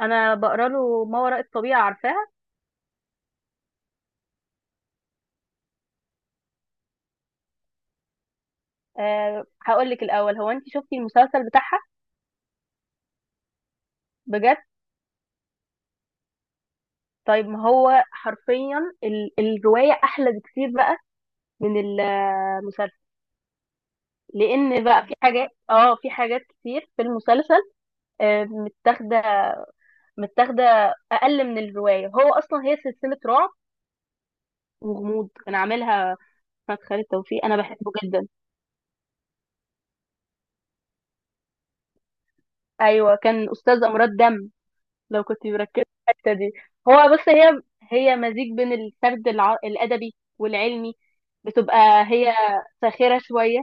انا بقرا له ما وراء الطبيعه، عارفاها. أه، هقول لك الاول، هو انت شفتي المسلسل بتاعها؟ بجد؟ طيب، ما هو حرفيا الروايه احلى بكتير بقى من المسلسل. لان بقى في حاجات، في حاجات كتير في المسلسل أه متاخده، متاخده اقل من الروايه. هو اصلا هي سلسله رعب وغموض، كان عاملها احمد خالد توفيق. انا بحبه جدا. ايوه، كان استاذ امراض دم لو كنت مركزة في الحتة دي. هو بص، هي مزيج بين الأدبي والعلمي. بتبقى هي ساخرة شوية،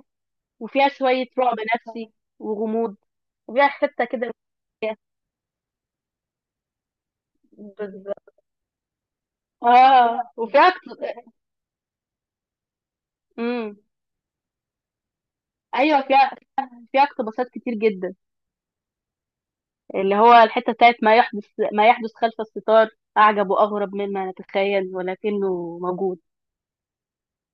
وفيها شوية رعب نفسي وغموض. وفيها حتة كده، بالظبط. اه وفيها اقت- امم، ايوه فيها اقتباسات كتير جدا، اللي هو الحته بتاعت ما يحدث خلف الستار، اعجب واغرب مما نتخيل ولكنه موجود.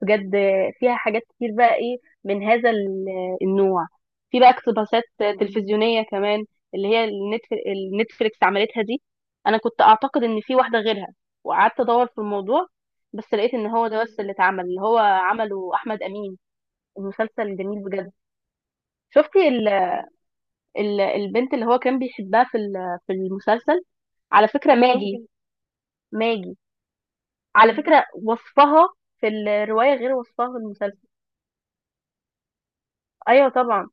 بجد، فيها حاجات كتير بقى ايه من هذا النوع. في بقى اقتباسات تلفزيونية كمان، اللي هي النتف- النتفليكس عملتها دي. انا كنت اعتقد ان في واحدة غيرها وقعدت ادور في الموضوع، بس لقيت ان هو ده بس اللي اتعمل، اللي هو عمله احمد امين. المسلسل جميل بجد. شفتي ال البنت اللي هو كان بيحبها في في المسلسل؟ على فكرة ماجي. ماجي، على فكرة وصفها في الرواية غير وصفها في المسلسل. ايوه طبعا.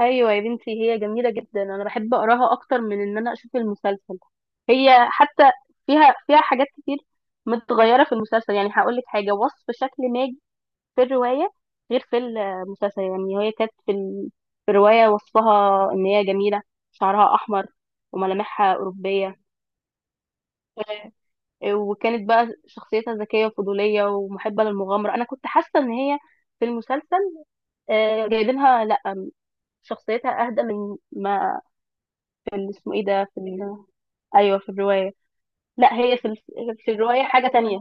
ايوه يا بنتي، هي جميله جدا. انا بحب اقراها اكتر من ان انا اشوف المسلسل. هي حتى فيها حاجات كتير متغيره في المسلسل. يعني هقول لك حاجه، وصف شكل ماجي في الروايه غير في المسلسل. يعني هي كانت في الروايه وصفها ان هي جميله، شعرها احمر، وملامحها اوروبيه. وكانت بقى شخصيتها ذكيه وفضوليه ومحبه للمغامره. انا كنت حاسه ان هي في المسلسل، آه، جايبينها، لا، شخصيتها اهدى من ما في ال- اسمه ايه ده في ال... ايوه في الروايه. لا هي في الروايه حاجه تانية.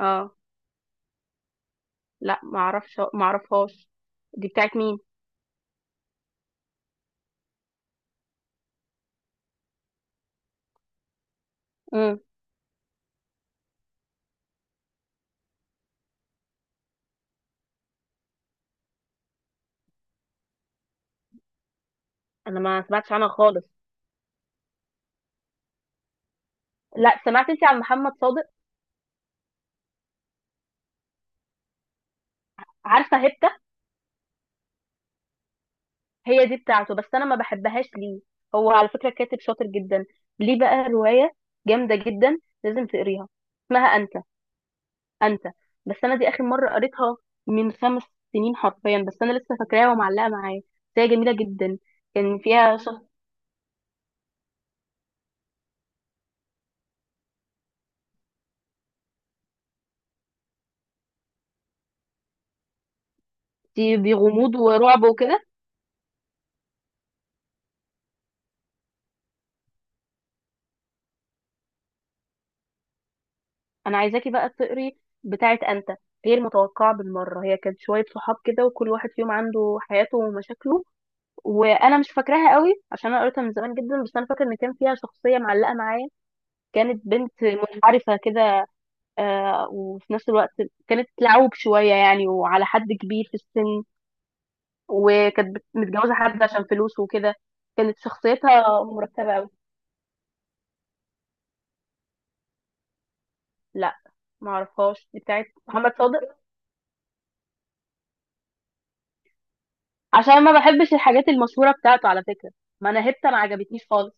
اه، لا ما اعرفش، ما اعرفهاش. دي بتاعت مين؟ امم، انا ما سمعتش عنها خالص. لا، سمعت انت عن محمد صادق؟ عارفه هبته؟ هي دي بتاعته، بس انا ما بحبهاش. ليه؟ هو على فكره كاتب شاطر جدا. ليه بقى روايه جامده جدا، لازم تقريها. اسمها انت. انت. بس انا دي اخر مره قريتها من 5 سنين حرفيا، بس انا لسه فاكراها ومعلقه معايا. بس هي جميله جدا. كان فيها شخص. دي بغموض ورعب وكده. انا عايزاكي بقى تقري بتاعت انت، غير متوقعة بالمرة. هي كانت شوية صحاب كده، وكل واحد فيهم عنده حياته ومشاكله، وانا مش فاكراها قوي عشان انا قريتها من زمان جدا. بس انا فاكر ان كان فيها شخصية معلقة معايا، كانت بنت منحرفة كده، آه، وفي نفس الوقت كانت لعوب شوية يعني، وعلى حد كبير في السن. وكانت متجوزة حد عشان فلوسه وكده. كانت شخصيتها مرتبة قوي. لا، معرفهاش دي بتاعت محمد صادق. عشان ما بحبش الحاجات المشهورة بتاعته على فكرة. ما انا هبت ما عجبتنيش خالص.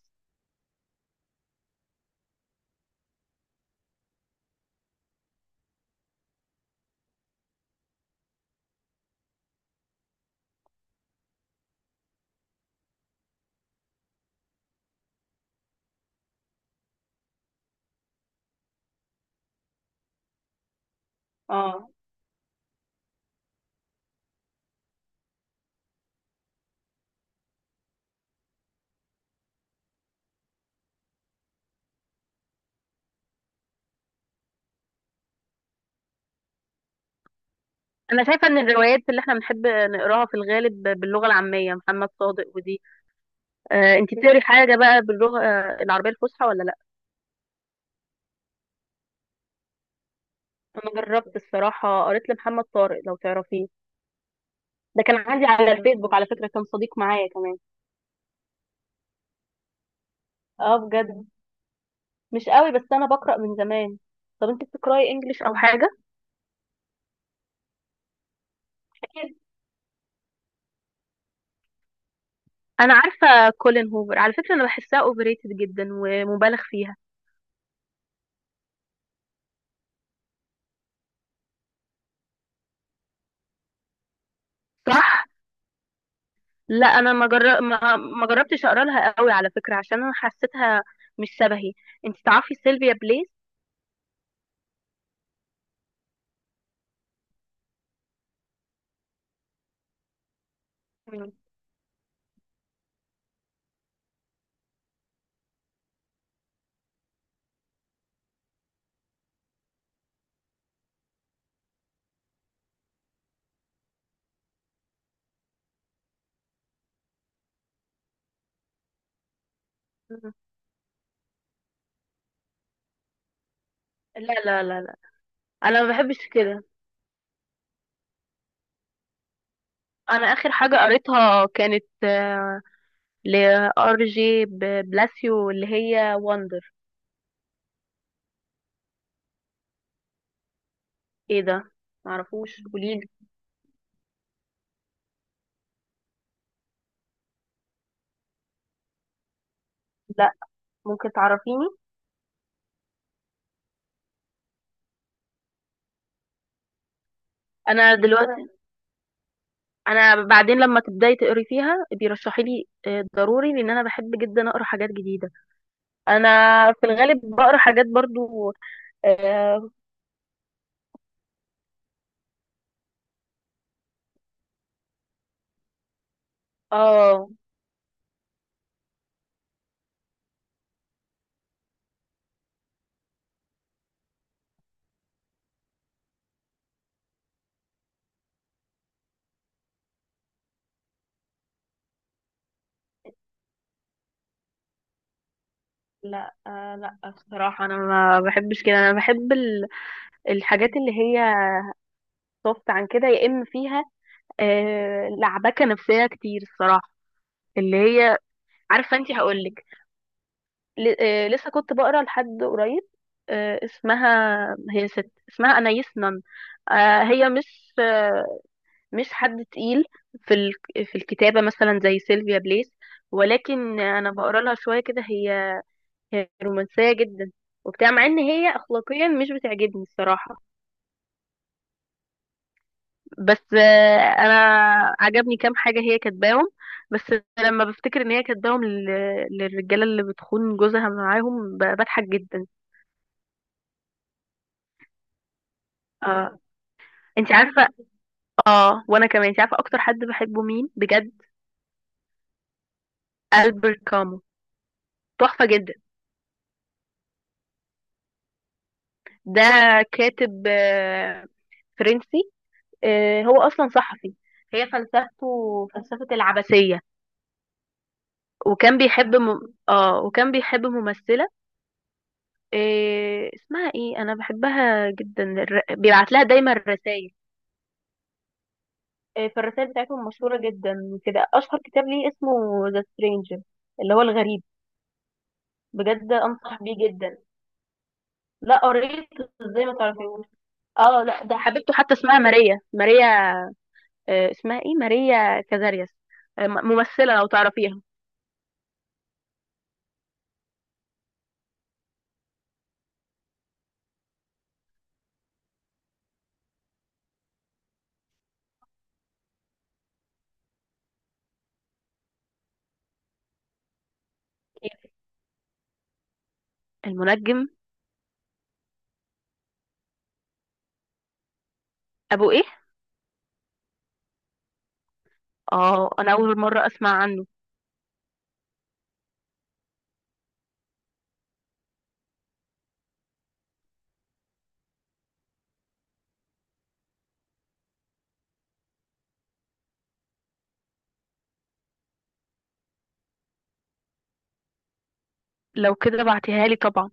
اه، انا شايفه ان الروايات اللي احنا بنحب نقراها في الغالب باللغه العاميه. محمد صادق ودي. آه، انت بتقري حاجه بقى باللغه، آه، العربيه الفصحى ولا لا؟ انا جربت الصراحه، قريت لمحمد طارق، لو تعرفيه. ده كان عندي على الفيسبوك على فكره، كان صديق معايا كمان. اه بجد، مش قوي، بس انا بقرأ من زمان. طب انت بتقرأي انجليش او حاجة؟ اكيد. انا عارفه كولين هوفر على فكره، انا بحسها اوفر ريتد جدا ومبالغ فيها. صح. لا انا ما جر... ما... ما جربتش اقرا لها قوي على فكره، عشان انا حسيتها مش شبهي. انت تعرفي سيلفيا بليس؟ مم. مم. لا لا لا لا، انا ما بحبش كده. انا اخر حاجه قريتها كانت لار جي بلاسيو، اللي هي وندر. ايه ده؟ معرفوش، قوليلي. لا، ممكن تعرفيني. انا دلوقتي، انا بعدين لما تبداي تقري فيها بيرشحي لي، آه، ضروري، لان انا بحب جدا اقرا حاجات جديده. انا في الغالب بقرا حاجات برضو. اه. آه لا. آه لا بصراحه، انا ما بحبش كده. انا بحب الحاجات اللي هي صفت عن كده، يا اما فيها، آه، لعبكه نفسيه كتير الصراحه. اللي هي، عارفه انت، هقول لك، آه، لسه كنت بقرا لحد قريب، آه، اسمها، هي ست اسمها انايس نن. آه هي مش، مش حد تقيل في في الكتابة مثلا زي سيلفيا بليس، ولكن أنا بقرا لها شوية كده. هي رومانسية جدا وبتاع، مع إن هي أخلاقيا مش بتعجبني الصراحة. بس آه، أنا عجبني كام حاجة هي كاتباهم. بس لما بفتكر إن هي كاتباهم للرجالة اللي بتخون جوزها معاهم، بضحك جدا. اه، انت عارفة. اه، وأنا كمان، انت عارفة أكتر حد بحبه مين بجد؟ ألبert كامو. تحفة جدا. ده كاتب، آه، فرنسي، آه، هو اصلا صحفي. هي فلسفته فلسفة العبثية. وكان اه، وكان بيحب ممثلة، إيه اسمها ايه، انا بحبها جدا. بيبعت لها دايما رسائل. إيه، فالرسائل بتاعتهم مشهورة جدا كده. اشهر كتاب ليه اسمه ذا سترينجر، اللي هو الغريب. بجد انصح بيه جدا. لا قريت. ازاي ما تعرفيهوش؟ اه لا، ده حبيبته حتى اسمها ماريا، ماريا، آه اسمها ايه، ماريا كازارياس، آه، ممثلة، لو تعرفيها. المنجم. ابو ايه؟ اه، انا اول مرة اسمع عنه. لو كده بعتيها لي طبعا.